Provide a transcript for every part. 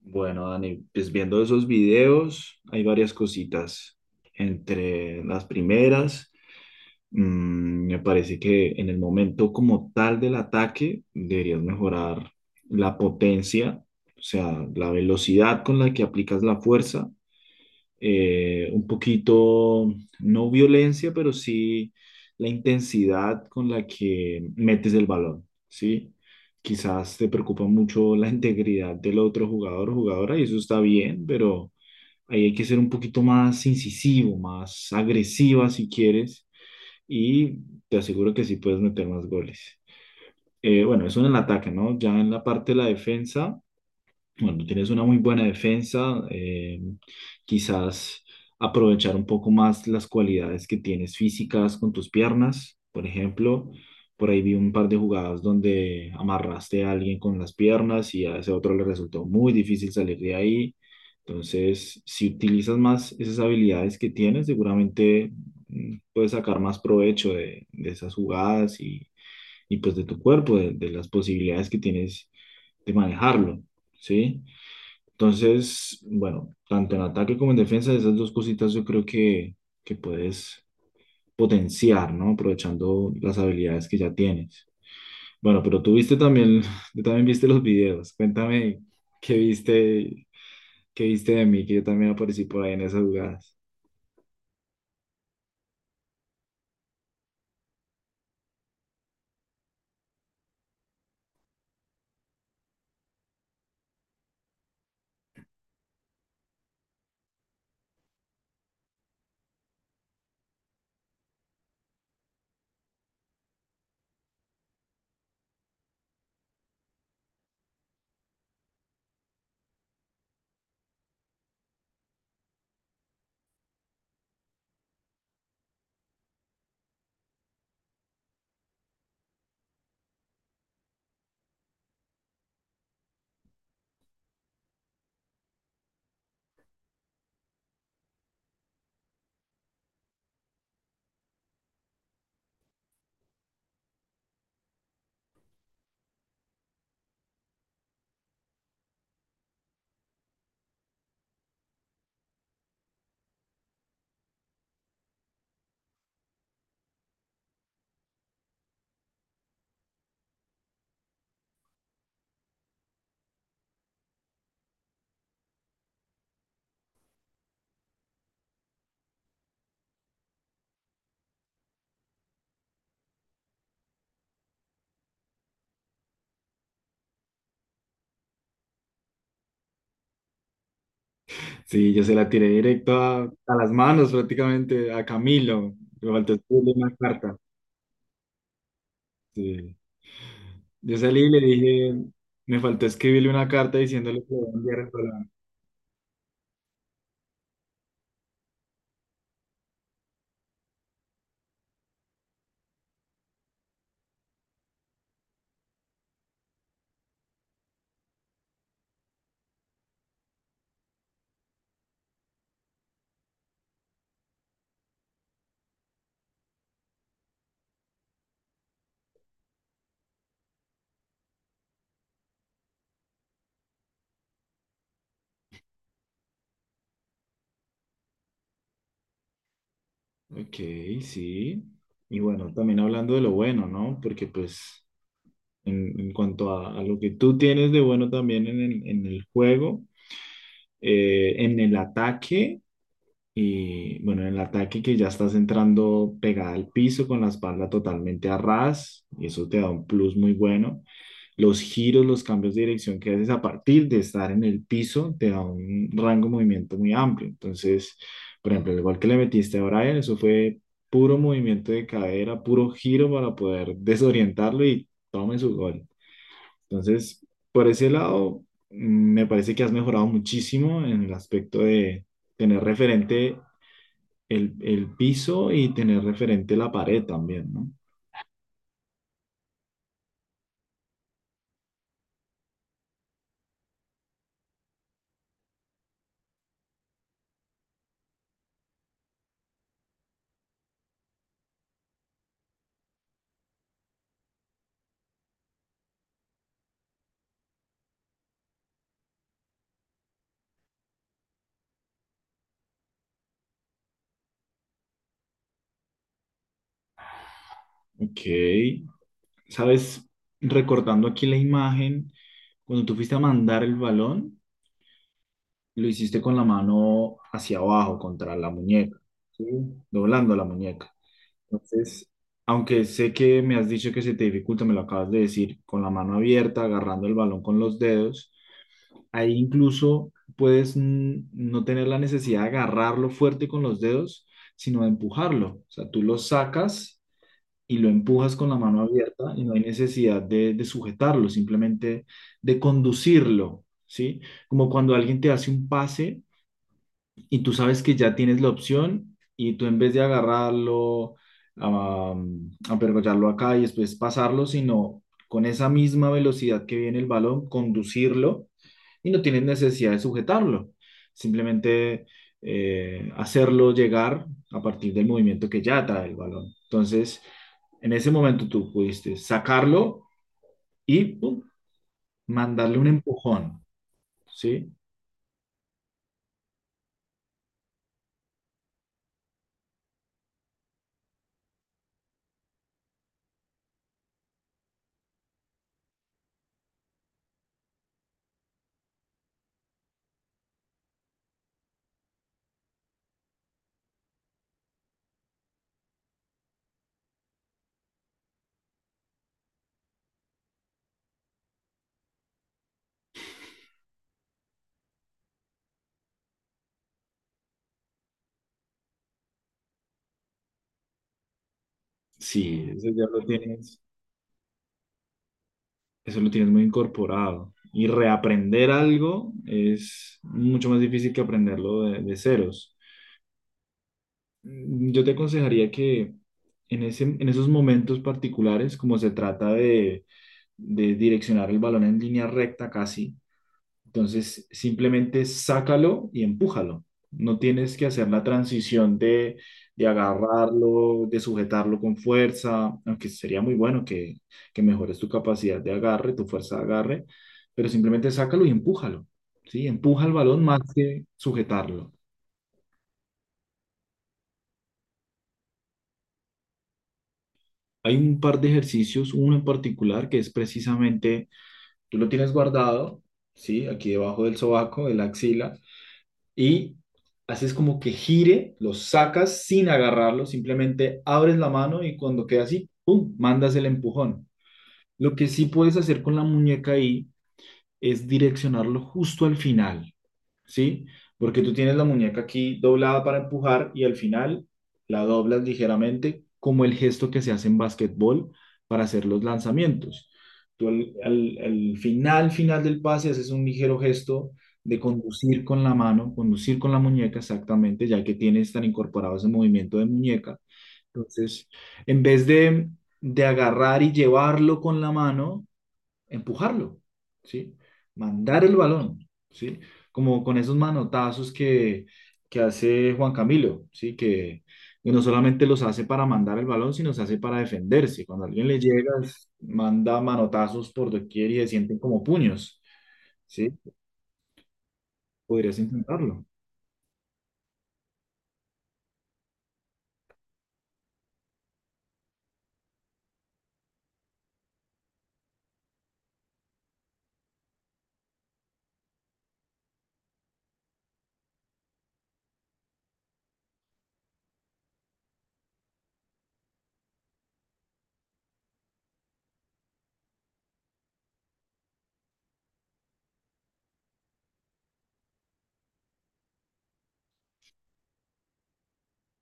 Bueno, Dani, pues viendo esos videos hay varias cositas. Entre las primeras, me parece que en el momento como tal del ataque deberías mejorar la potencia, o sea, la velocidad con la que aplicas la fuerza un poquito, no violencia, pero sí la intensidad con la que metes el balón, ¿sí? Quizás te preocupa mucho la integridad del otro jugador o jugadora y eso está bien, pero ahí hay que ser un poquito más incisivo, más agresiva si quieres y te aseguro que sí puedes meter más goles. Bueno, eso en el ataque, ¿no? Ya en la parte de la defensa, bueno, tienes una muy buena defensa, quizás aprovechar un poco más las cualidades que tienes físicas con tus piernas, por ejemplo. Por ahí vi un par de jugadas donde amarraste a alguien con las piernas y a ese otro le resultó muy difícil salir de ahí. Entonces, si utilizas más esas habilidades que tienes, seguramente puedes sacar más provecho de esas jugadas y pues de tu cuerpo, de las posibilidades que tienes de manejarlo, ¿sí? Entonces, bueno, tanto en ataque como en defensa, esas dos cositas yo creo que puedes potenciar, ¿no? Aprovechando las habilidades que ya tienes. Bueno, pero tú viste también, tú también viste los videos. Cuéntame qué viste, qué viste de mí, que yo también aparecí por ahí en esas jugadas. Sí, yo se la tiré directo a las manos prácticamente, a Camilo. Me faltó escribirle una carta. Sí. Yo salí y le dije, me faltó escribirle una carta diciéndole que lo voy a enviar el balón. Ok, sí. Y bueno, también hablando de lo bueno, ¿no? Porque pues en cuanto a lo que tú tienes de bueno también en en el juego, en el ataque, y bueno, en el ataque que ya estás entrando pegada al piso con la espalda totalmente a ras, y eso te da un plus muy bueno los giros, los cambios de dirección que haces a partir de estar en el piso te da un rango de movimiento muy amplio. Entonces, por ejemplo, igual que le metiste a Brian, eso fue puro movimiento de cadera, puro giro para poder desorientarlo y tome su gol. Entonces, por ese lado, me parece que has mejorado muchísimo en el aspecto de tener referente el piso y tener referente la pared también, ¿no? Ok. Sabes, recordando aquí la imagen, cuando tú fuiste a mandar el balón, lo hiciste con la mano hacia abajo, contra la muñeca, ¿sí? Doblando la muñeca. Entonces, aunque sé que me has dicho que se te dificulta, me lo acabas de decir, con la mano abierta, agarrando el balón con los dedos, ahí incluso puedes no tener la necesidad de agarrarlo fuerte con los dedos, sino de empujarlo. O sea, tú lo sacas y lo empujas con la mano abierta y no hay necesidad de sujetarlo, simplemente de conducirlo, ¿sí? Como cuando alguien te hace un pase y tú sabes que ya tienes la opción y tú en vez de agarrarlo, a apergollarlo acá y después pasarlo, sino con esa misma velocidad que viene el balón, conducirlo y no tienes necesidad de sujetarlo. Simplemente hacerlo llegar a partir del movimiento que ya trae el balón. Entonces, en ese momento tú pudiste sacarlo y pum, mandarle un empujón, ¿sí? Sí, eso ya lo tienes eso lo tienes muy incorporado. Y reaprender algo es mucho más difícil que aprenderlo de ceros. Yo te aconsejaría que en esos momentos particulares, como se trata de direccionar el balón en línea recta casi, entonces, simplemente sácalo y empújalo. No tienes que hacer la transición de agarrarlo, de sujetarlo con fuerza, aunque sería muy bueno que mejores tu capacidad de agarre, tu fuerza de agarre, pero simplemente sácalo y empújalo, ¿sí? Empuja el balón más que sujetarlo. Hay un par de ejercicios, uno en particular que es precisamente, tú lo tienes guardado, ¿sí? Aquí debajo del sobaco, de la axila, y haces como que gire, lo sacas sin agarrarlo, simplemente abres la mano y cuando queda así, ¡pum!, mandas el empujón. Lo que sí puedes hacer con la muñeca ahí es direccionarlo justo al final, ¿sí? Porque tú tienes la muñeca aquí doblada para empujar y al final la doblas ligeramente como el gesto que se hace en básquetbol para hacer los lanzamientos. Tú al final, final del pase haces un ligero gesto de conducir con la mano, conducir con la muñeca exactamente, ya que tienes tan incorporado ese movimiento de muñeca. Entonces, en vez de agarrar y llevarlo con la mano, empujarlo, ¿sí? Mandar el balón, ¿sí? Como con esos manotazos que hace Juan Camilo, ¿sí? Que no solamente los hace para mandar el balón, sino se hace para defenderse. Cuando alguien le llega, manda manotazos por doquier y se sienten como puños, ¿sí? Podrías intentarlo.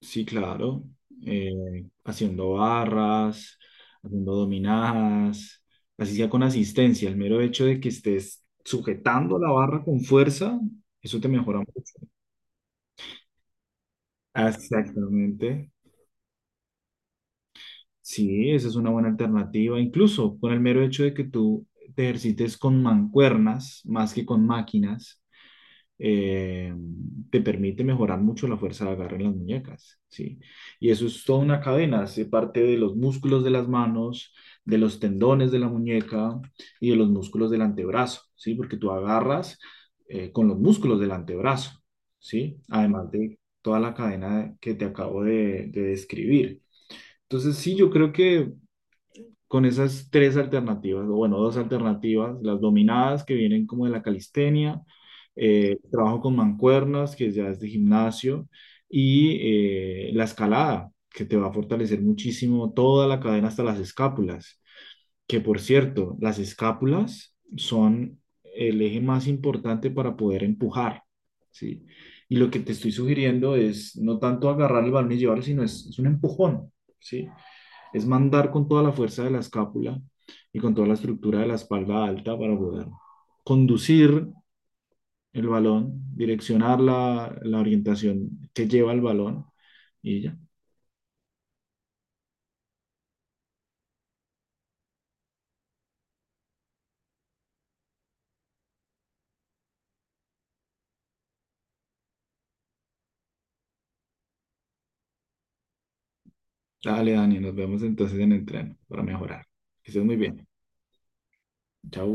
Sí, claro. Haciendo barras, haciendo dominadas, así sea con asistencia. El mero hecho de que estés sujetando la barra con fuerza, eso te mejora mucho. Exactamente. Sí, esa es una buena alternativa. Incluso con el mero hecho de que tú te ejercites con mancuernas más que con máquinas. eh, Te permite mejorar mucho la fuerza de agarre en las muñecas, ¿sí? Y eso es toda una cadena, hace parte de los músculos de las manos, de los tendones de la muñeca y de los músculos del antebrazo, ¿sí? Porque tú agarras con los músculos del antebrazo, ¿sí? Además de toda la cadena que te acabo de describir. Entonces, sí, yo creo que con esas tres alternativas, o bueno, dos alternativas, las dominadas que vienen como de la calistenia, trabajo con mancuernas, que ya es de gimnasio, y la escalada, que te va a fortalecer muchísimo toda la cadena hasta las escápulas, que por cierto, las escápulas son el eje más importante para poder empujar, ¿sí? Y lo que te estoy sugiriendo es no tanto agarrar el balón y llevarlo, sino es un empujón, ¿sí? Es mandar con toda la fuerza de la escápula y con toda la estructura de la espalda alta para poder conducir el balón, direccionar la orientación que lleva el balón y ya. Dale, Dani, nos vemos entonces en el tren para mejorar. Que estés muy bien. Chau.